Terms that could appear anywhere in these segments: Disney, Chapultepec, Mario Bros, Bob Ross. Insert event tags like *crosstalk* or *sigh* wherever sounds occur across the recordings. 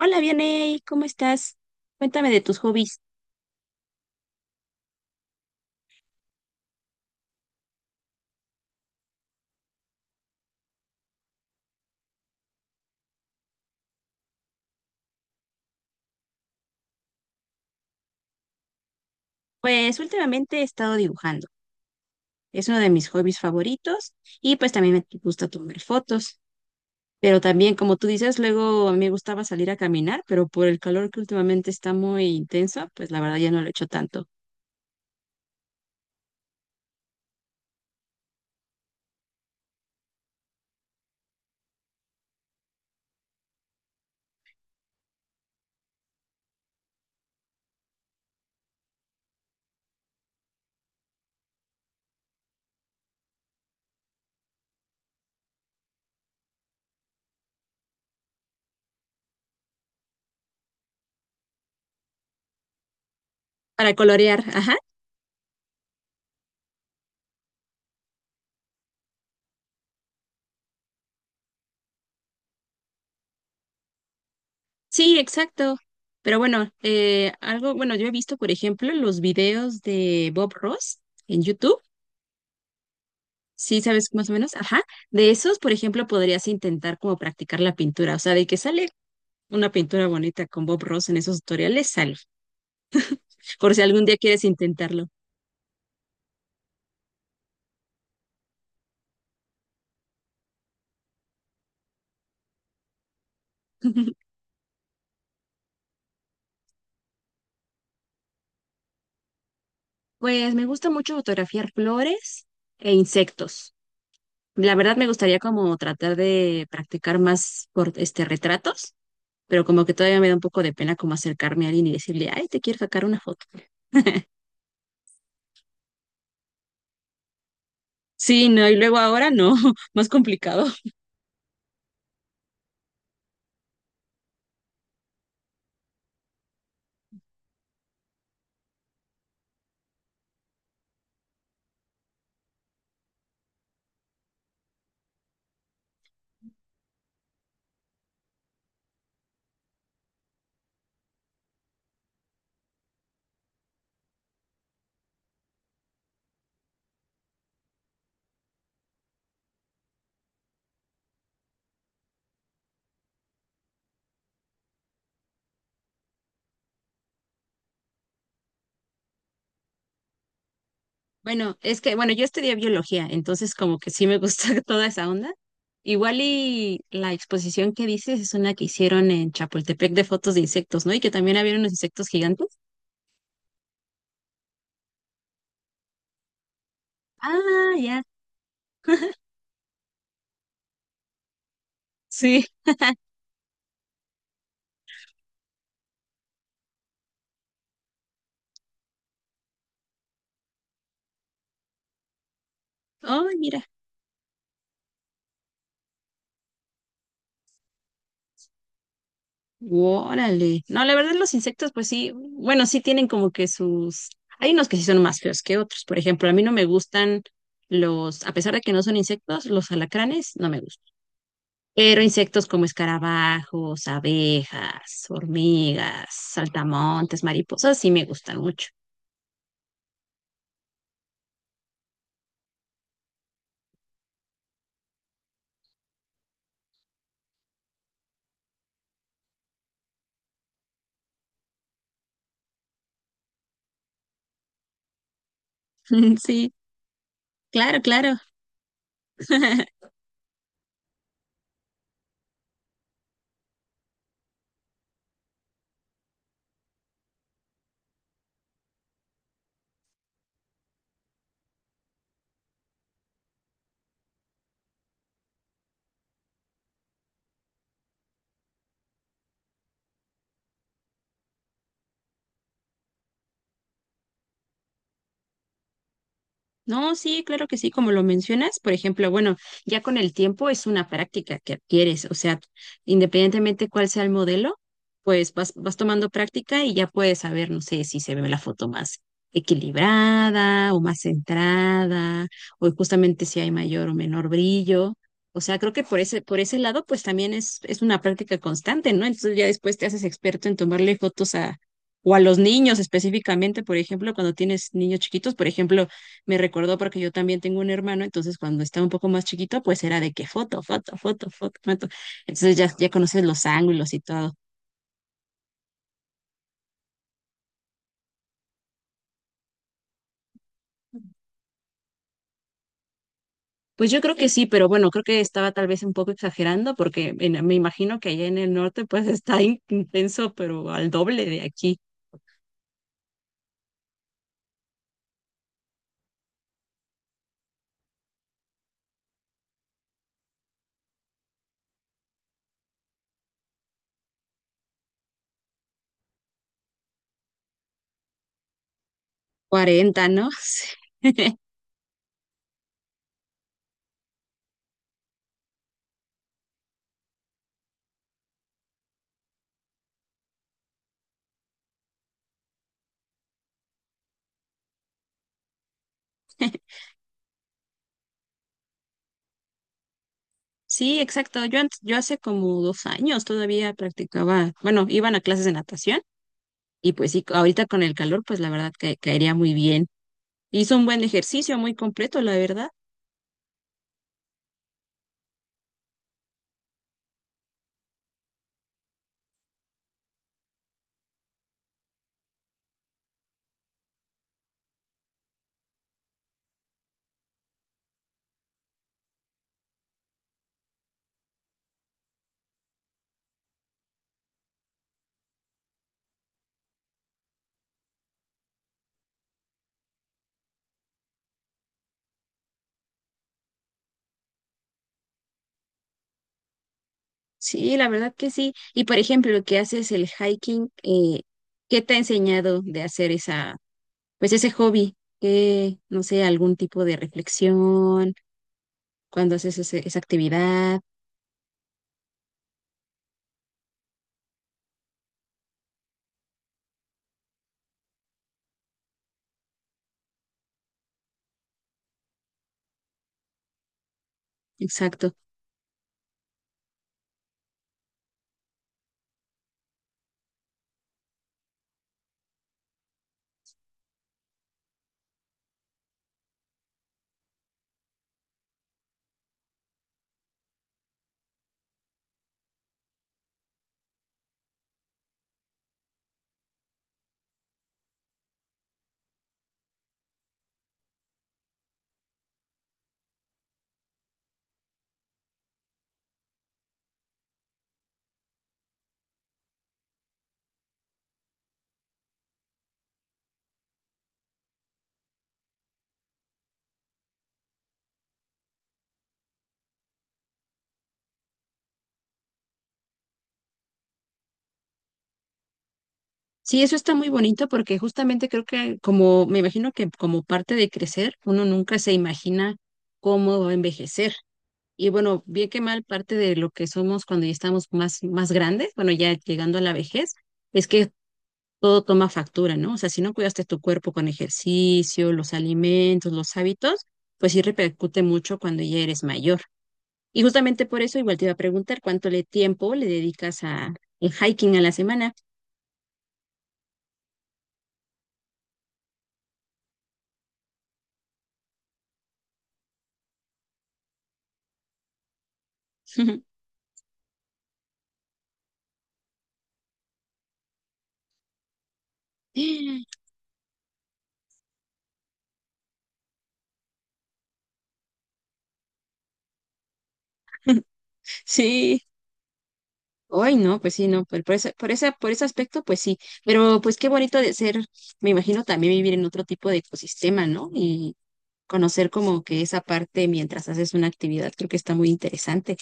Hola, Vianey, ¿cómo estás? Cuéntame de tus hobbies. Pues últimamente he estado dibujando. Es uno de mis hobbies favoritos y pues también me gusta tomar fotos. Pero también, como tú dices, luego a mí me gustaba salir a caminar, pero por el calor que últimamente está muy intenso, pues la verdad ya no lo he hecho tanto. Para colorear, ajá. Sí, exacto. Pero bueno, algo, bueno, yo he visto, por ejemplo, los videos de Bob Ross en YouTube. Sí, sabes más o menos, ajá. De esos, por ejemplo, podrías intentar como practicar la pintura, o sea, de que sale una pintura bonita con Bob Ross en esos tutoriales, sale, por si algún día quieres intentarlo. *laughs* Pues me gusta mucho fotografiar flores e insectos. La verdad me gustaría como tratar de practicar más por este retratos, pero como que todavía me da un poco de pena como acercarme a alguien y decirle, ay, te quiero sacar una foto. Sí, no, y luego ahora no, *laughs* más complicado. Bueno, es que, bueno, yo estudié biología, entonces como que sí me gusta *laughs* toda esa onda. Igual y la exposición que dices es una que hicieron en Chapultepec de fotos de insectos, ¿no? Y que también había unos insectos gigantes. Ah, ya. Sí. Oh, mira. Órale. No, la verdad los insectos, pues sí, bueno, sí tienen como que sus... Hay unos que sí son más feos que otros. Por ejemplo, a mí no me gustan los, a pesar de que no son insectos, los alacranes no me gustan. Pero insectos como escarabajos, abejas, hormigas, saltamontes, mariposas, sí me gustan mucho. *laughs* Sí, claro, claro. *laughs* No, sí, claro que sí, como lo mencionas, por ejemplo, bueno, ya con el tiempo es una práctica que adquieres, o sea, independientemente cuál sea el modelo, pues vas tomando práctica y ya puedes saber, no sé, si se ve la foto más equilibrada o más centrada, o justamente si hay mayor o menor brillo. O sea, creo que por ese lado, pues también es una práctica constante, ¿no? Entonces ya después te haces experto en tomarle fotos a, o a los niños específicamente, por ejemplo, cuando tienes niños chiquitos, por ejemplo me recordó porque yo también tengo un hermano, entonces cuando estaba un poco más chiquito, pues era de que foto, foto, foto, foto, foto. Entonces ya conoces los ángulos y todo. Pues yo creo que sí, pero bueno, creo que estaba tal vez un poco exagerando porque me imagino que allá en el norte pues *laughs* está intenso, pero al doble de aquí. Cuarenta, ¿no? *laughs* Sí. Sí, exacto. Yo, yo hace como 2 años todavía practicaba, bueno, iban a clases de natación y pues sí, ahorita con el calor, pues la verdad que caería muy bien. Hizo un buen ejercicio, muy completo, la verdad. Sí, la verdad que sí. Y por ejemplo, lo que haces el hiking, ¿qué te ha enseñado de hacer esa, pues ese hobby? No sé, algún tipo de reflexión cuando haces esa actividad. Exacto. Sí, eso está muy bonito porque justamente creo que como, me imagino que como parte de crecer, uno nunca se imagina cómo va a envejecer. Y bueno, bien que mal, parte de lo que somos cuando ya estamos más grandes, bueno, ya llegando a la vejez, es que todo toma factura, ¿no? O sea, si no cuidaste tu cuerpo con ejercicio, los alimentos, los hábitos, pues sí repercute mucho cuando ya eres mayor. Y justamente por eso igual te iba a preguntar cuánto le tiempo le dedicas a el hiking a la semana. *laughs* Sí, hoy no, pues sí, no, por ese, por esa, por ese aspecto, pues sí, pero pues qué bonito de ser, me imagino también vivir en otro tipo de ecosistema, ¿no? Conocer como que esa parte mientras haces una actividad, creo que está muy interesante.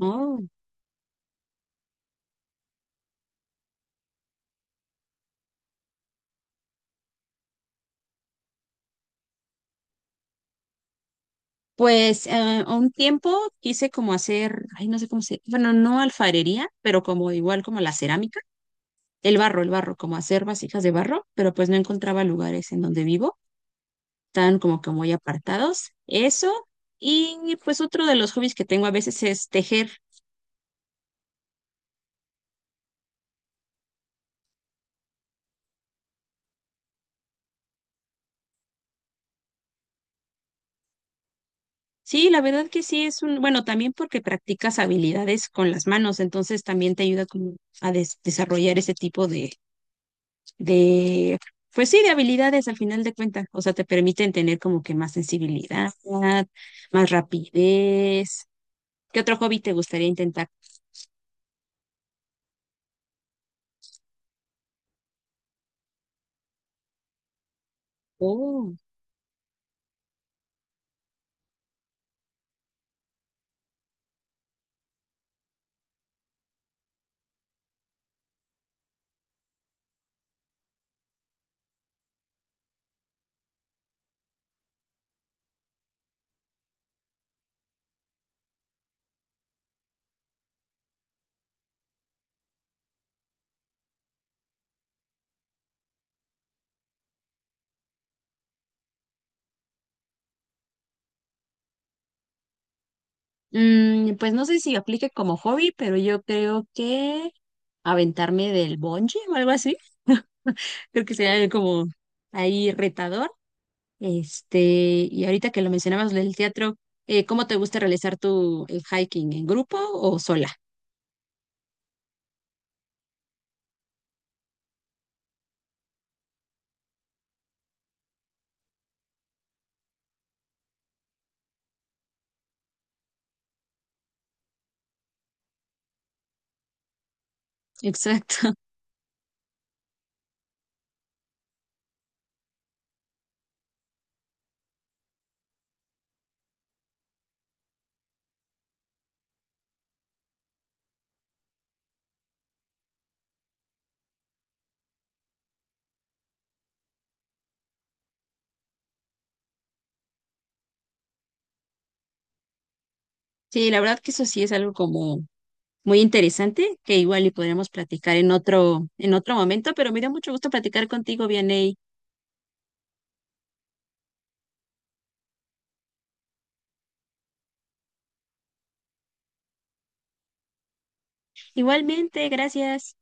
Oh, pues a un tiempo quise como hacer, ay, no sé cómo se, bueno, no alfarería, pero como igual como la cerámica, el barro, como hacer vasijas de barro, pero pues no encontraba lugares en donde vivo, tan como que muy apartados. Eso, y pues otro de los hobbies que tengo a veces es tejer. Sí, la verdad que sí es un, bueno, también porque practicas habilidades con las manos, entonces también te ayuda como a desarrollar ese tipo de, pues sí, de habilidades al final de cuentas. O sea, te permiten tener como que más sensibilidad, más rapidez. ¿Qué otro hobby te gustaría intentar? Oh. Mm, pues no sé si aplique como hobby, pero yo creo que aventarme del bungee o algo así. *laughs* Creo que sería como ahí retador. Este, y ahorita que lo mencionabas del teatro, ¿cómo te gusta realizar tu el hiking? ¿En grupo o sola? Exacto. *laughs* Sí, la verdad que eso sí es algo como muy interesante que igual y podríamos platicar en otro momento, pero me dio mucho gusto platicar contigo, Vianey. Igualmente, gracias.